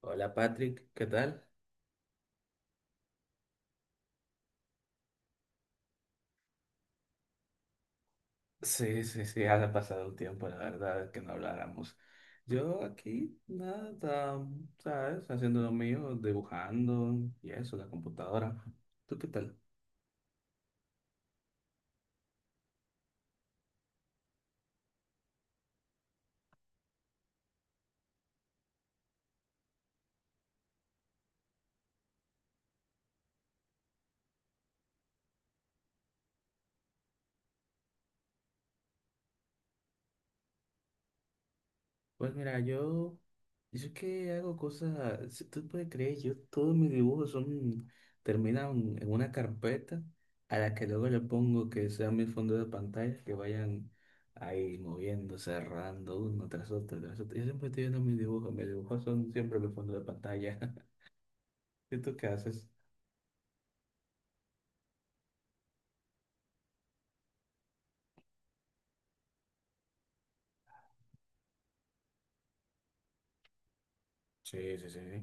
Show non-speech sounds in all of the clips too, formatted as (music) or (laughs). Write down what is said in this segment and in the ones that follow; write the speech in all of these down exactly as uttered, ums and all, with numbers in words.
Hola Patrick, ¿qué tal? Sí, sí, sí, ha pasado un tiempo, la verdad, que no habláramos. Yo aquí, nada, mm, ¿sabes? Haciendo lo mío, dibujando y eso, la computadora. ¿Tú qué tal? Pues mira, yo Yo que hago cosas, si tú puedes creer, yo todos mis dibujos son, terminan en una carpeta a la que luego le pongo que sea mi fondo de pantalla, que vayan ahí moviendo, cerrando uno tras otro, tras otro. Yo siempre estoy viendo mis dibujos, mis dibujos son siempre mi fondo de pantalla. (laughs) ¿Y tú qué haces? Sí, sí, sí, sí.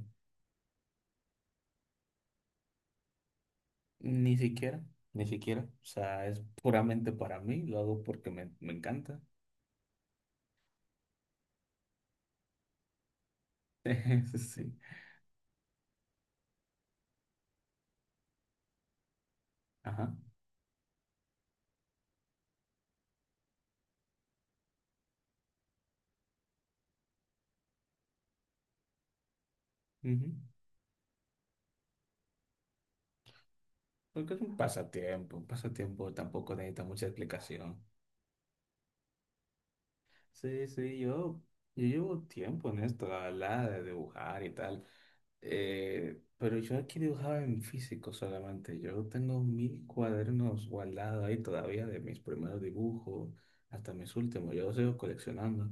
Ni siquiera, ni siquiera. O sea, es puramente para mí, lo hago porque me, me encanta. (laughs) Sí, sí, ajá. Ujú. Porque es un pasatiempo, un pasatiempo tampoco necesita mucha explicación. Sí, sí, yo, yo llevo tiempo en esto, la verdad, de dibujar y tal. Eh, pero yo aquí dibujaba en físico solamente. Yo tengo mil cuadernos guardados ahí todavía de mis primeros dibujos hasta mis últimos. Yo los sigo coleccionando.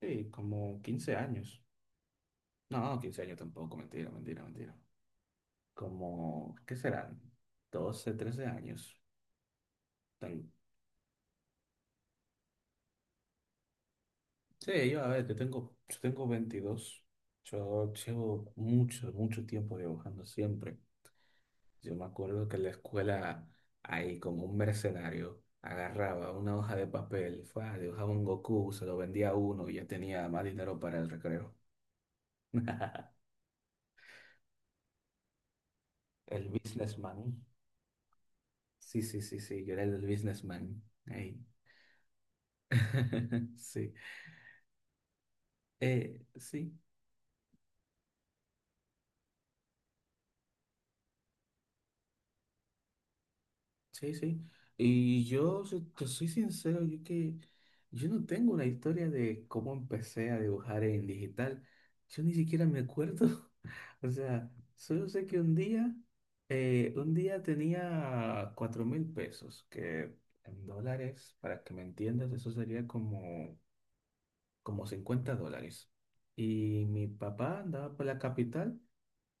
Sí, como quince años. No, quince años tampoco, mentira, mentira, mentira. Como, ¿qué serán? Doce trece años. Tan- Sí, yo, a ver, yo tengo, yo tengo veintidós. Yo llevo mucho, mucho tiempo dibujando siempre. Yo me acuerdo que en la escuela, ahí como un mercenario, agarraba una hoja de papel, fue, ah, dibujaba un Goku, se lo vendía a uno y ya tenía más dinero para el recreo. (laughs) El businessman. Sí, sí, sí, sí, yo era el businessman. Ahí. (laughs) Sí. Eh, sí. Sí, sí. Y yo, si te soy sincero, yo que yo no tengo una historia de cómo empecé a dibujar en digital. Yo ni siquiera me acuerdo. (laughs) O sea, solo sé que un día, eh, un día tenía cuatro mil pesos, que en dólares, para que me entiendas, eso sería como, como cincuenta dólares. Y mi papá andaba por la capital.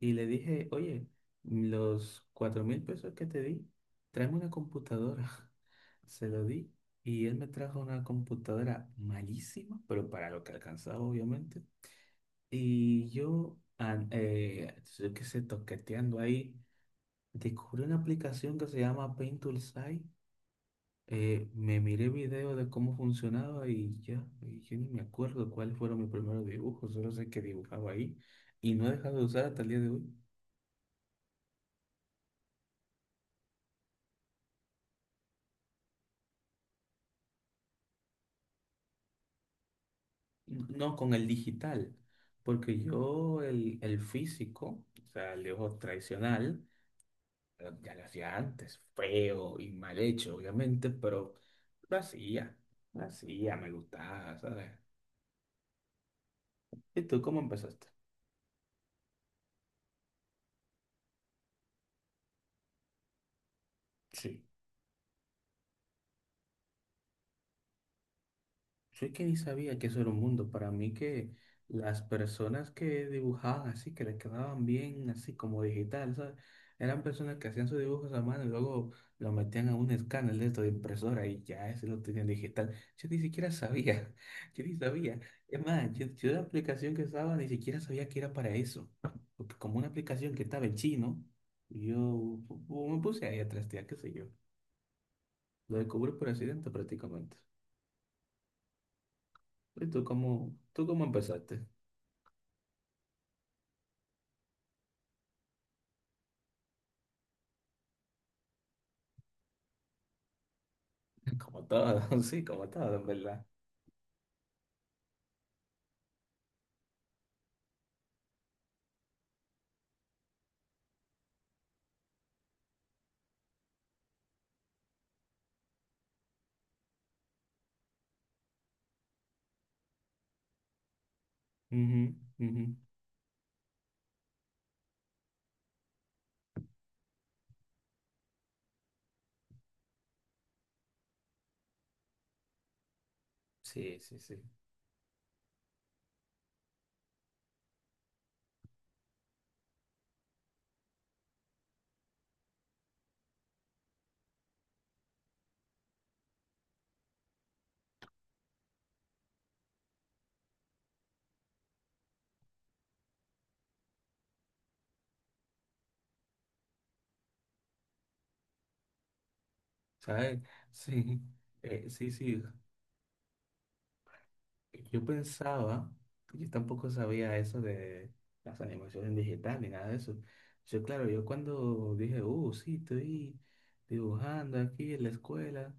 Y le dije, oye, los cuatro mil pesos que te di, tráeme una computadora. (laughs) Se lo di y él me trajo una computadora malísima, pero para lo que alcanzaba, obviamente. Y yo, an- eh, yo qué sé, toqueteando ahí, descubrí una aplicación que se llama Painttool. Eh, me miré video de cómo funcionaba y ya, y yo ni me acuerdo cuáles fueron mis primeros dibujos, solo sé que dibujaba ahí y no he dejado de usar hasta el día de hoy. No, con el digital, porque yo el, el físico, o sea, el ojo tradicional, eh, ya lo hacía antes, feo y mal hecho, obviamente, pero lo hacía, lo hacía, me gustaba, ¿sabes? ¿Y tú cómo empezaste? Sí. Yo es que ni sabía que eso era un mundo. Para mí que las personas que dibujaban así, que les quedaban bien así como digital, ¿sabes? Eran personas que hacían sus dibujos a mano y luego lo metían a un escáner de esto de impresora y ya ese lo tenían digital. Yo ni siquiera sabía, (laughs) yo ni sabía. Es más, yo, yo la aplicación que estaba ni siquiera sabía que era para eso. Porque como una aplicación que estaba en chino, yo pu- pu- me puse ahí a trastear, qué sé yo. Lo descubrí por accidente prácticamente. ¿Y tú cómo, tú cómo empezaste? Como todo, (laughs) sí, como todo, en verdad. Ujú, ujú. Sí, sí, sí. ¿Sabes? Sí, eh, sí, sí. Yo pensaba, yo tampoco sabía eso de las animaciones digitales ni nada de eso. Yo, claro, yo cuando dije, uh, sí, estoy dibujando aquí en la escuela,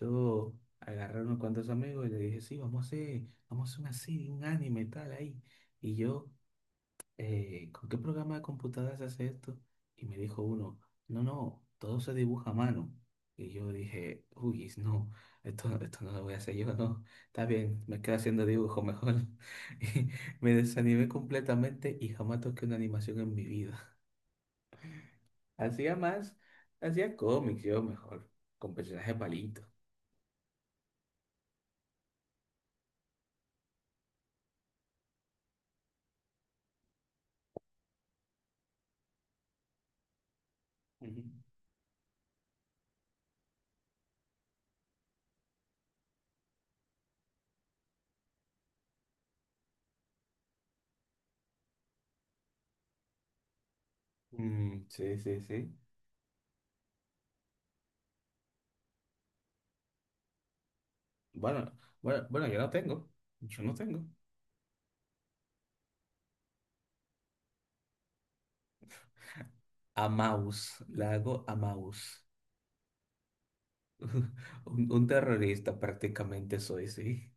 yo agarré a unos cuantos amigos y le dije, sí, vamos a hacer, vamos a hacer una serie, un anime tal ahí. Y yo eh, ¿con qué programa de computadoras se hace esto? Y me dijo uno, no, no, todo se dibuja a mano. Y yo dije, uy, no, esto, esto no lo voy a hacer yo, no, está bien, me quedo haciendo dibujo mejor. (laughs) Y me desanimé completamente y jamás toqué una animación en mi vida. Hacía más, hacía cómics yo mejor, con personajes palitos. Ujú. Mm, sí, sí, sí. Bueno, bueno, bueno, yo no tengo, yo no tengo. A mouse, la hago a mouse. (laughs) Un, un terrorista prácticamente soy, sí.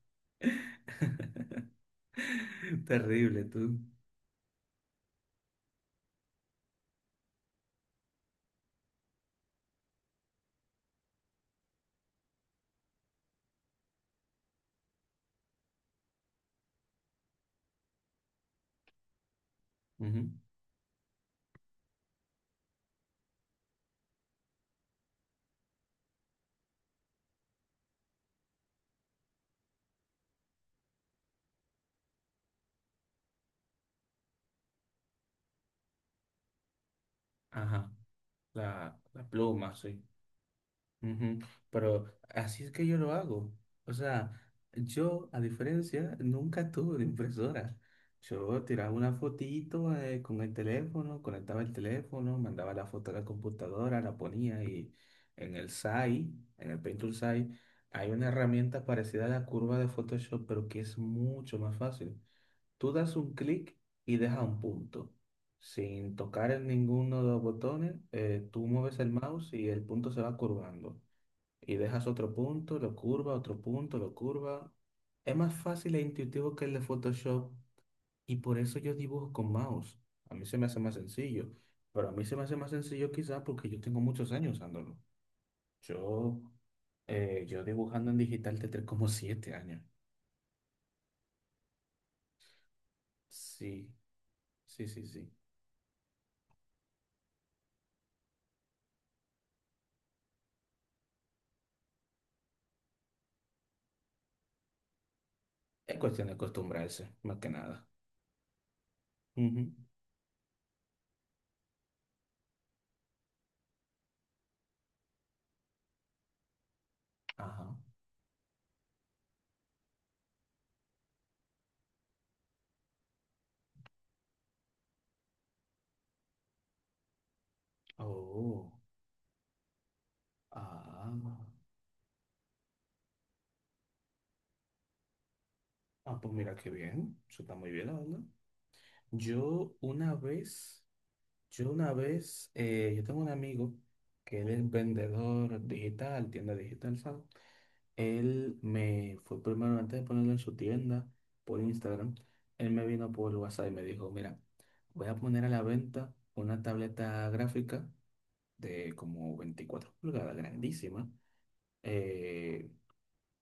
(laughs) Terrible, tú. Ujú. Ajá, la, la pluma, sí. Ujú. Pero así es que yo lo hago. O sea, yo, a diferencia, nunca tuve una impresora. Yo tiraba una fotito eh, con el teléfono, conectaba el teléfono, mandaba la foto a la computadora, la ponía y en el S A I, en el Painter S A I, hay una herramienta parecida a la curva de Photoshop, pero que es mucho más fácil. Tú das un clic y dejas un punto. Sin tocar en ninguno de los botones, eh, tú mueves el mouse y el punto se va curvando. Y dejas otro punto, lo curva, otro punto, lo curva. Es más fácil e intuitivo que el de Photoshop y por eso yo dibujo con mouse. A mí se me hace más sencillo. Pero a mí se me hace más sencillo quizás porque yo tengo muchos años usándolo. Yo, eh, yo dibujando en digital tendré como siete años. Sí, sí, sí, sí. Es cuestión de acostumbrarse, más que nada. Ujú. Ajá. Oh. Ah. Ah, pues mira qué bien. Eso está muy bien, la verdad. Yo una vez, yo una vez, eh, yo tengo un amigo que él es vendedor digital, tienda digital, ¿sabes? Él me fue primero antes de ponerlo en su tienda por Instagram. Él me vino por WhatsApp y me dijo, mira, voy a poner a la venta una tableta gráfica de como veinticuatro pulgadas, grandísima, eh,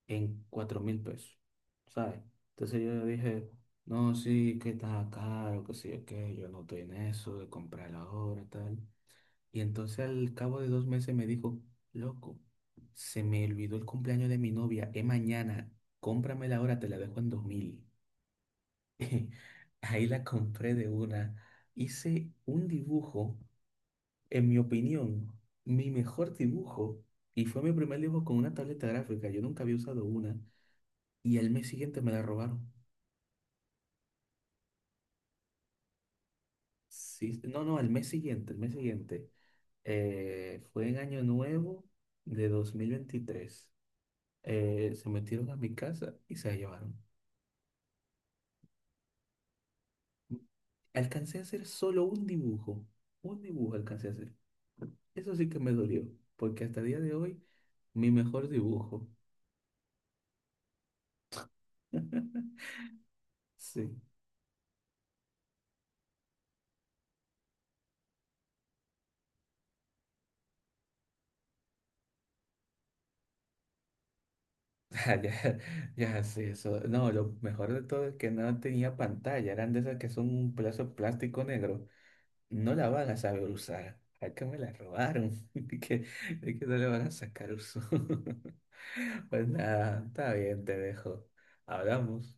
en cuatro mil pesos, ¿sabes? Entonces yo le dije, no, sí, que está caro, que sí, que yo no estoy en eso de comprar ahora, tal. Y entonces al cabo de dos meses me dijo, loco, se me olvidó el cumpleaños de mi novia, es mañana, cómpramela ahora, te la dejo en dos mil. (laughs) Ahí la compré de una. Hice un dibujo, en mi opinión, mi mejor dibujo. Y fue mi primer dibujo con una tableta gráfica. Yo nunca había usado una. Y el mes siguiente me la robaron. Sí, no, no, el mes siguiente, el mes siguiente. Eh, fue en Año Nuevo de dos mil veintitrés. Eh, se metieron a mi casa y se la llevaron. Alcancé a hacer solo un dibujo. Un dibujo alcancé a hacer. Eso sí que me dolió, porque hasta el día de hoy, mi mejor dibujo. (laughs) Sí. (laughs) Ya, ya, sí, eso. No, lo mejor de todo es que no tenía pantalla, eran de esas que son un pedazo de plástico negro. No la van a saber usar. Acá me la robaron. (laughs) De que, de que no le van a sacar uso. (laughs) Pues nada, está bien, te dejo. Hablamos.